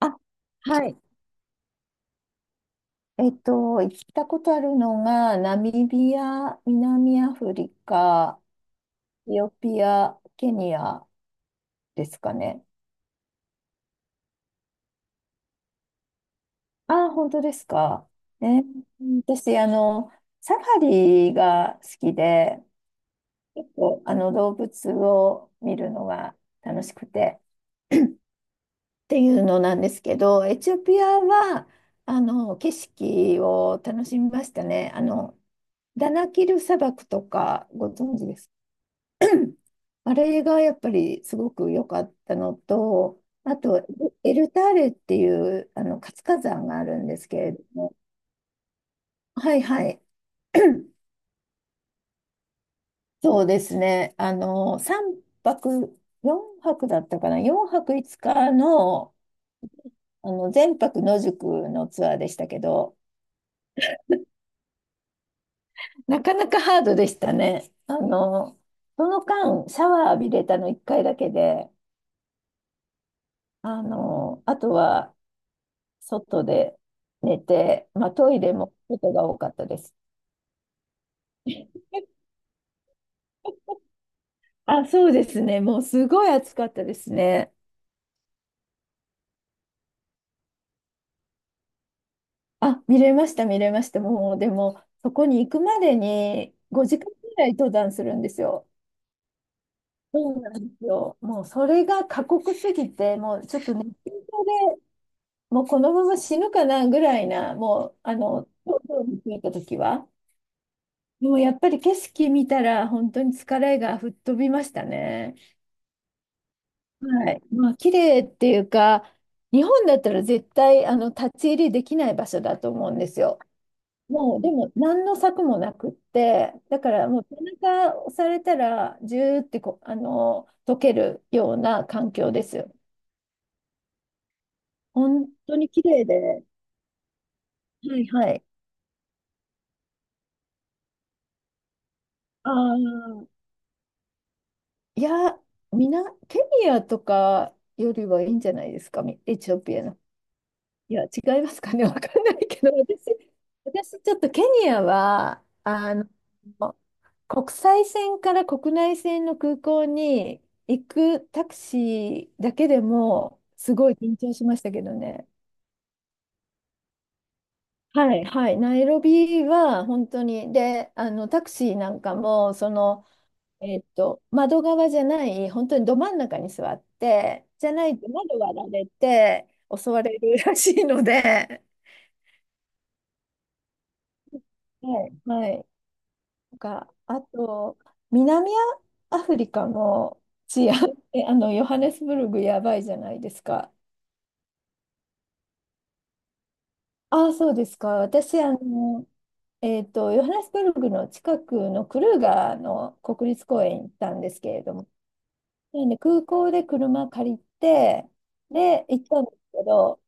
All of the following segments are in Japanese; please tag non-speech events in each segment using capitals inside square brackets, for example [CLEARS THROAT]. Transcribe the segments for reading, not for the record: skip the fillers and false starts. あはい。行ったことあるのが、ナミビア、南アフリカ、エチオピア、ケニアですかね。ああ、本当ですか。えー私、サファリが好きで、結構動物を見るのが楽しくて [CLEARS THROAT] っていうのなんですけど、エチオピアは、景色を楽しみましたね。ダナキル砂漠とか、ご存知です？ [CLEARS THROAT] あれがやっぱりすごく良かったのと、あと、エルターレっていうあの活火山があるんですけれども、はいはい、[CLEARS THROAT] そうですね、3泊、4泊だったかな、4泊5日の、全泊野宿のツアーでしたけど、なかなかハードでしたね。その間、シャワー浴びれたの1回だけで、あとは外で寝て、まあ、トイレも外が多かったです。あ、そうですね。もうすごい暑かったですね。あ、見れました、見れました。もう、でも、そこに行くまでに5時間ぐらい登山するんですよ。そうなんですよ。もう、それが過酷すぎて、もう、ちょっと熱中症で、もう、このまま死ぬかなぐらいな、もう、東京に着いた時は。でも、やっぱり景色見たら、本当に疲れが吹っ飛びましたね。はい。まあ、綺麗っていうか、日本だったら絶対立ち入りできない場所だと思うんですよ。もう、でも何の策もなくって、だからもう背中を押されたら、ジューってこう、溶けるような環境ですよ。本当に綺麗で。はいはい。ああ。いや、ケニアとかよりはいいんじゃないですか、エチオピアの。いや、違いますかね、[LAUGHS] わかんないけど、私ちょっとケニアは、国際線から国内線の空港に行くタクシーだけでも、すごい緊張しましたけどね。はい、はい、ナイロビは本当に、で、あのタクシーなんかも、窓側じゃない、本当にど真ん中に座って、じゃないと窓割られて襲われるらしいので、はい、はいあと、南アフリカの治安、[LAUGHS] ヨハネスブルグやばいじゃないですか。ああ、そうですか。私、ヨハネスブルグの近くのクルーガーの国立公園行ったんですけれども、なんで空港で車借りて、で、行ったんですけど、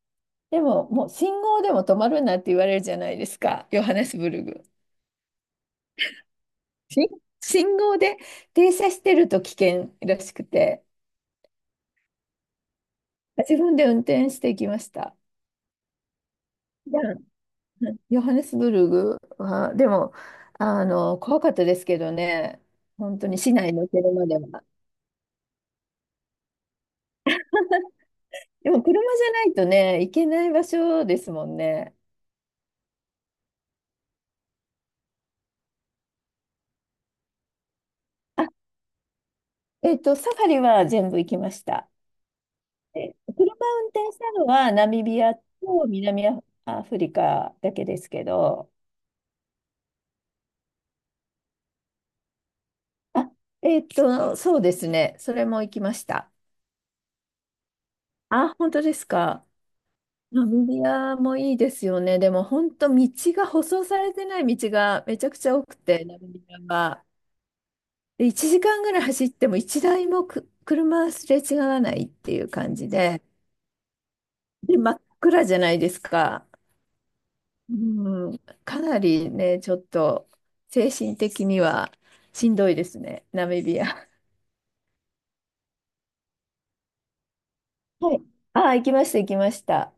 でも、もう信号でも止まるなって言われるじゃないですか、ヨハネスブルグ。し信号で停車してると危険らしくて。自分で運転していきました。じゃあ、うん、ヨハネスブルグは、でも、怖かったですけどね、本当に市内の車では。でも、車じゃないとね、行けない場所ですもんね。あ、サファリは全部行きました。で、車運転したのはナミビアと南アアフリカだけですけど、あ、そうですね、それも行きました。あ、本当ですか。ナミビアもいいですよね。でも本当道が舗装されてない道がめちゃくちゃ多くて、ナミビアは。で、1時間ぐらい走っても1台も車すれ違わないっていう感じで、で、真っ暗じゃないですか。うん、かなりね、ちょっと精神的にはしんどいですね、ナミビア。はい。ああ、行きました、行きました。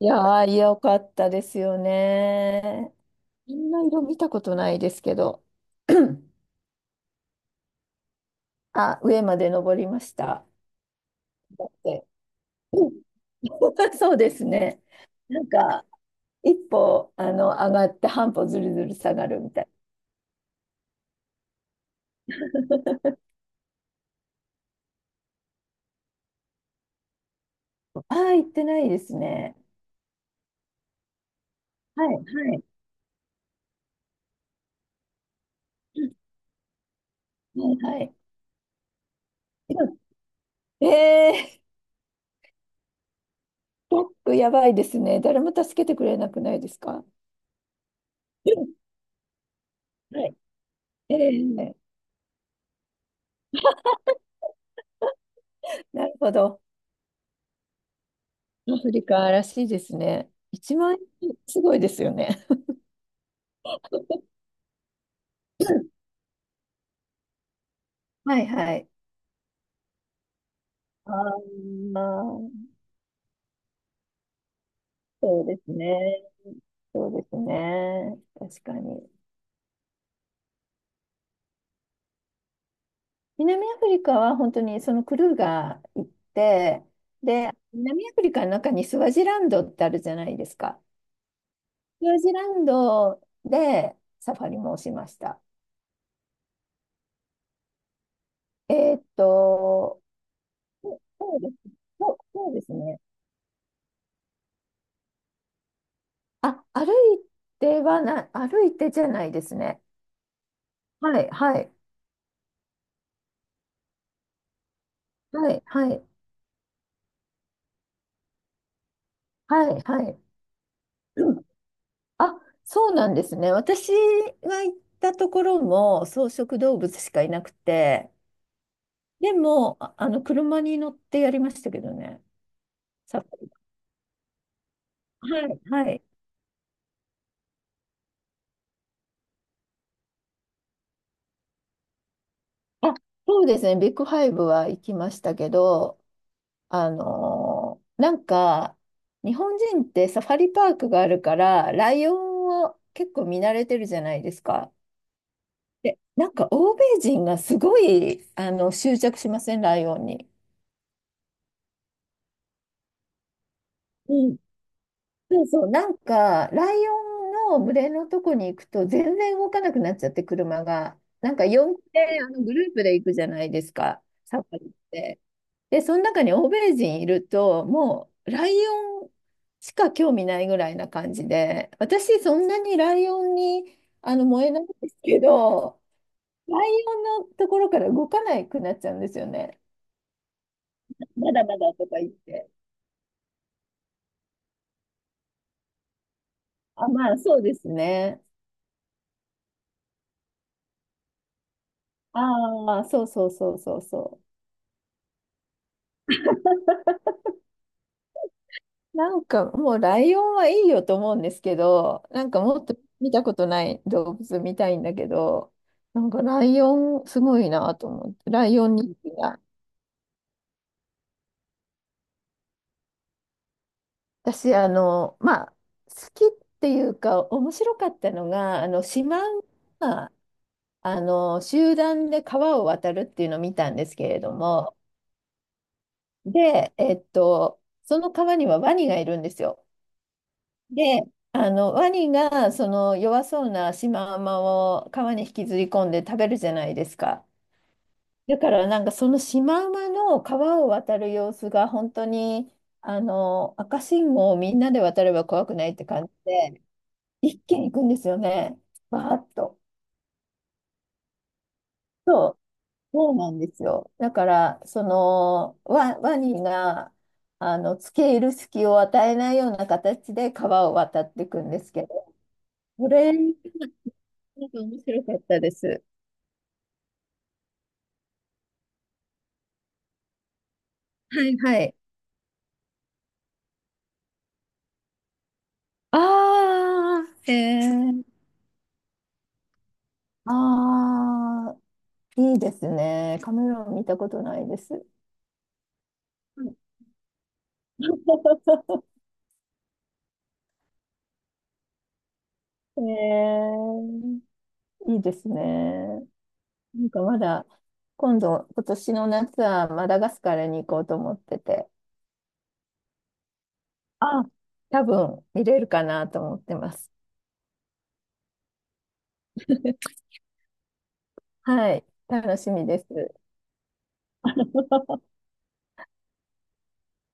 いやー、よかったですよね。みんな色見たことないですけど。[CLEARS THROAT] あ、上まで登りました。だって。うん [LAUGHS] そうですね。なんか、一歩、上がって半歩ずるずる下がるみたいな。ああ、行ってないですね。はい、はい。うん、はい、はい。うん、トラックやばいですね。誰も助けてくれなくないですか？うん、はい。えー、なるほど。アフリカらしいですね。1万円、すごいですよね。はい、はい。ああ。そうですね。そうですね。確かに。南アフリカは本当にそのクルーが行って、で、南アフリカの中にスワジランドってあるじゃないですか。スワジランドでサファリもしました。えーっと、そうそうです。そうそうですね。あ、歩いてじゃないですね。はい、はい、はい、はい、はい、はい。あ、そうなんですね。私が行ったところも草食動物しかいなくて、でも、車に乗ってやりましたけどね。サファリはい、はい。あ、そうですね。ビッグファイブは行きましたけど、なんか、日本人ってサファリパークがあるから、ライオンを結構見慣れてるじゃないですか。で、なんか欧米人がすごい、執着しません、ライオンに。うん。そうそう、なんか、ライオンの群れのとこに行くと、全然動かなくなっちゃって、車が。なんか、4でグループで行くじゃないですか、サファリって。で、その中に欧米人いると、もう、ライオンしか興味ないぐらいな感じで、私、そんなにライオンに燃えないんですけど、ライオンのところから動かなくなっちゃうんですよね。まだまだとか言って。あ、まあ、そうですね。ああ、そうそうそうそうそう。なんかもうライオンはいいよと思うんですけど、なんかもっと見たことない動物見たいんだけど、なんかライオンすごいなと思って、ライオン人気が。私、まあ、好きっていうか、面白かったのが、シマウマ、集団で川を渡るっていうのを見たんですけれども、で、その川にはワニがいるんですよ。で、ワニがその弱そうなシマウマを川に引きずり込んで食べるじゃないですか。だからなんかそのシマウマの川を渡る様子が本当に、赤信号をみんなで渡れば怖くないって感じで、一気に行くんですよね。バーッと。そうなんですよ。だから、ワニが、付け入る隙を与えないような形で川を渡っていくんですけど、これ、なんか面白かったです。はいはい。ああ、へえ。ああ、いいですね。カメラを見たことないです。[LAUGHS] へえ、いいですね。なんかまだ、今度、今年の夏はマダガスカルに行こうと思ってて、あ、多分見れるかなと思ってます。[LAUGHS] はい、楽しみです。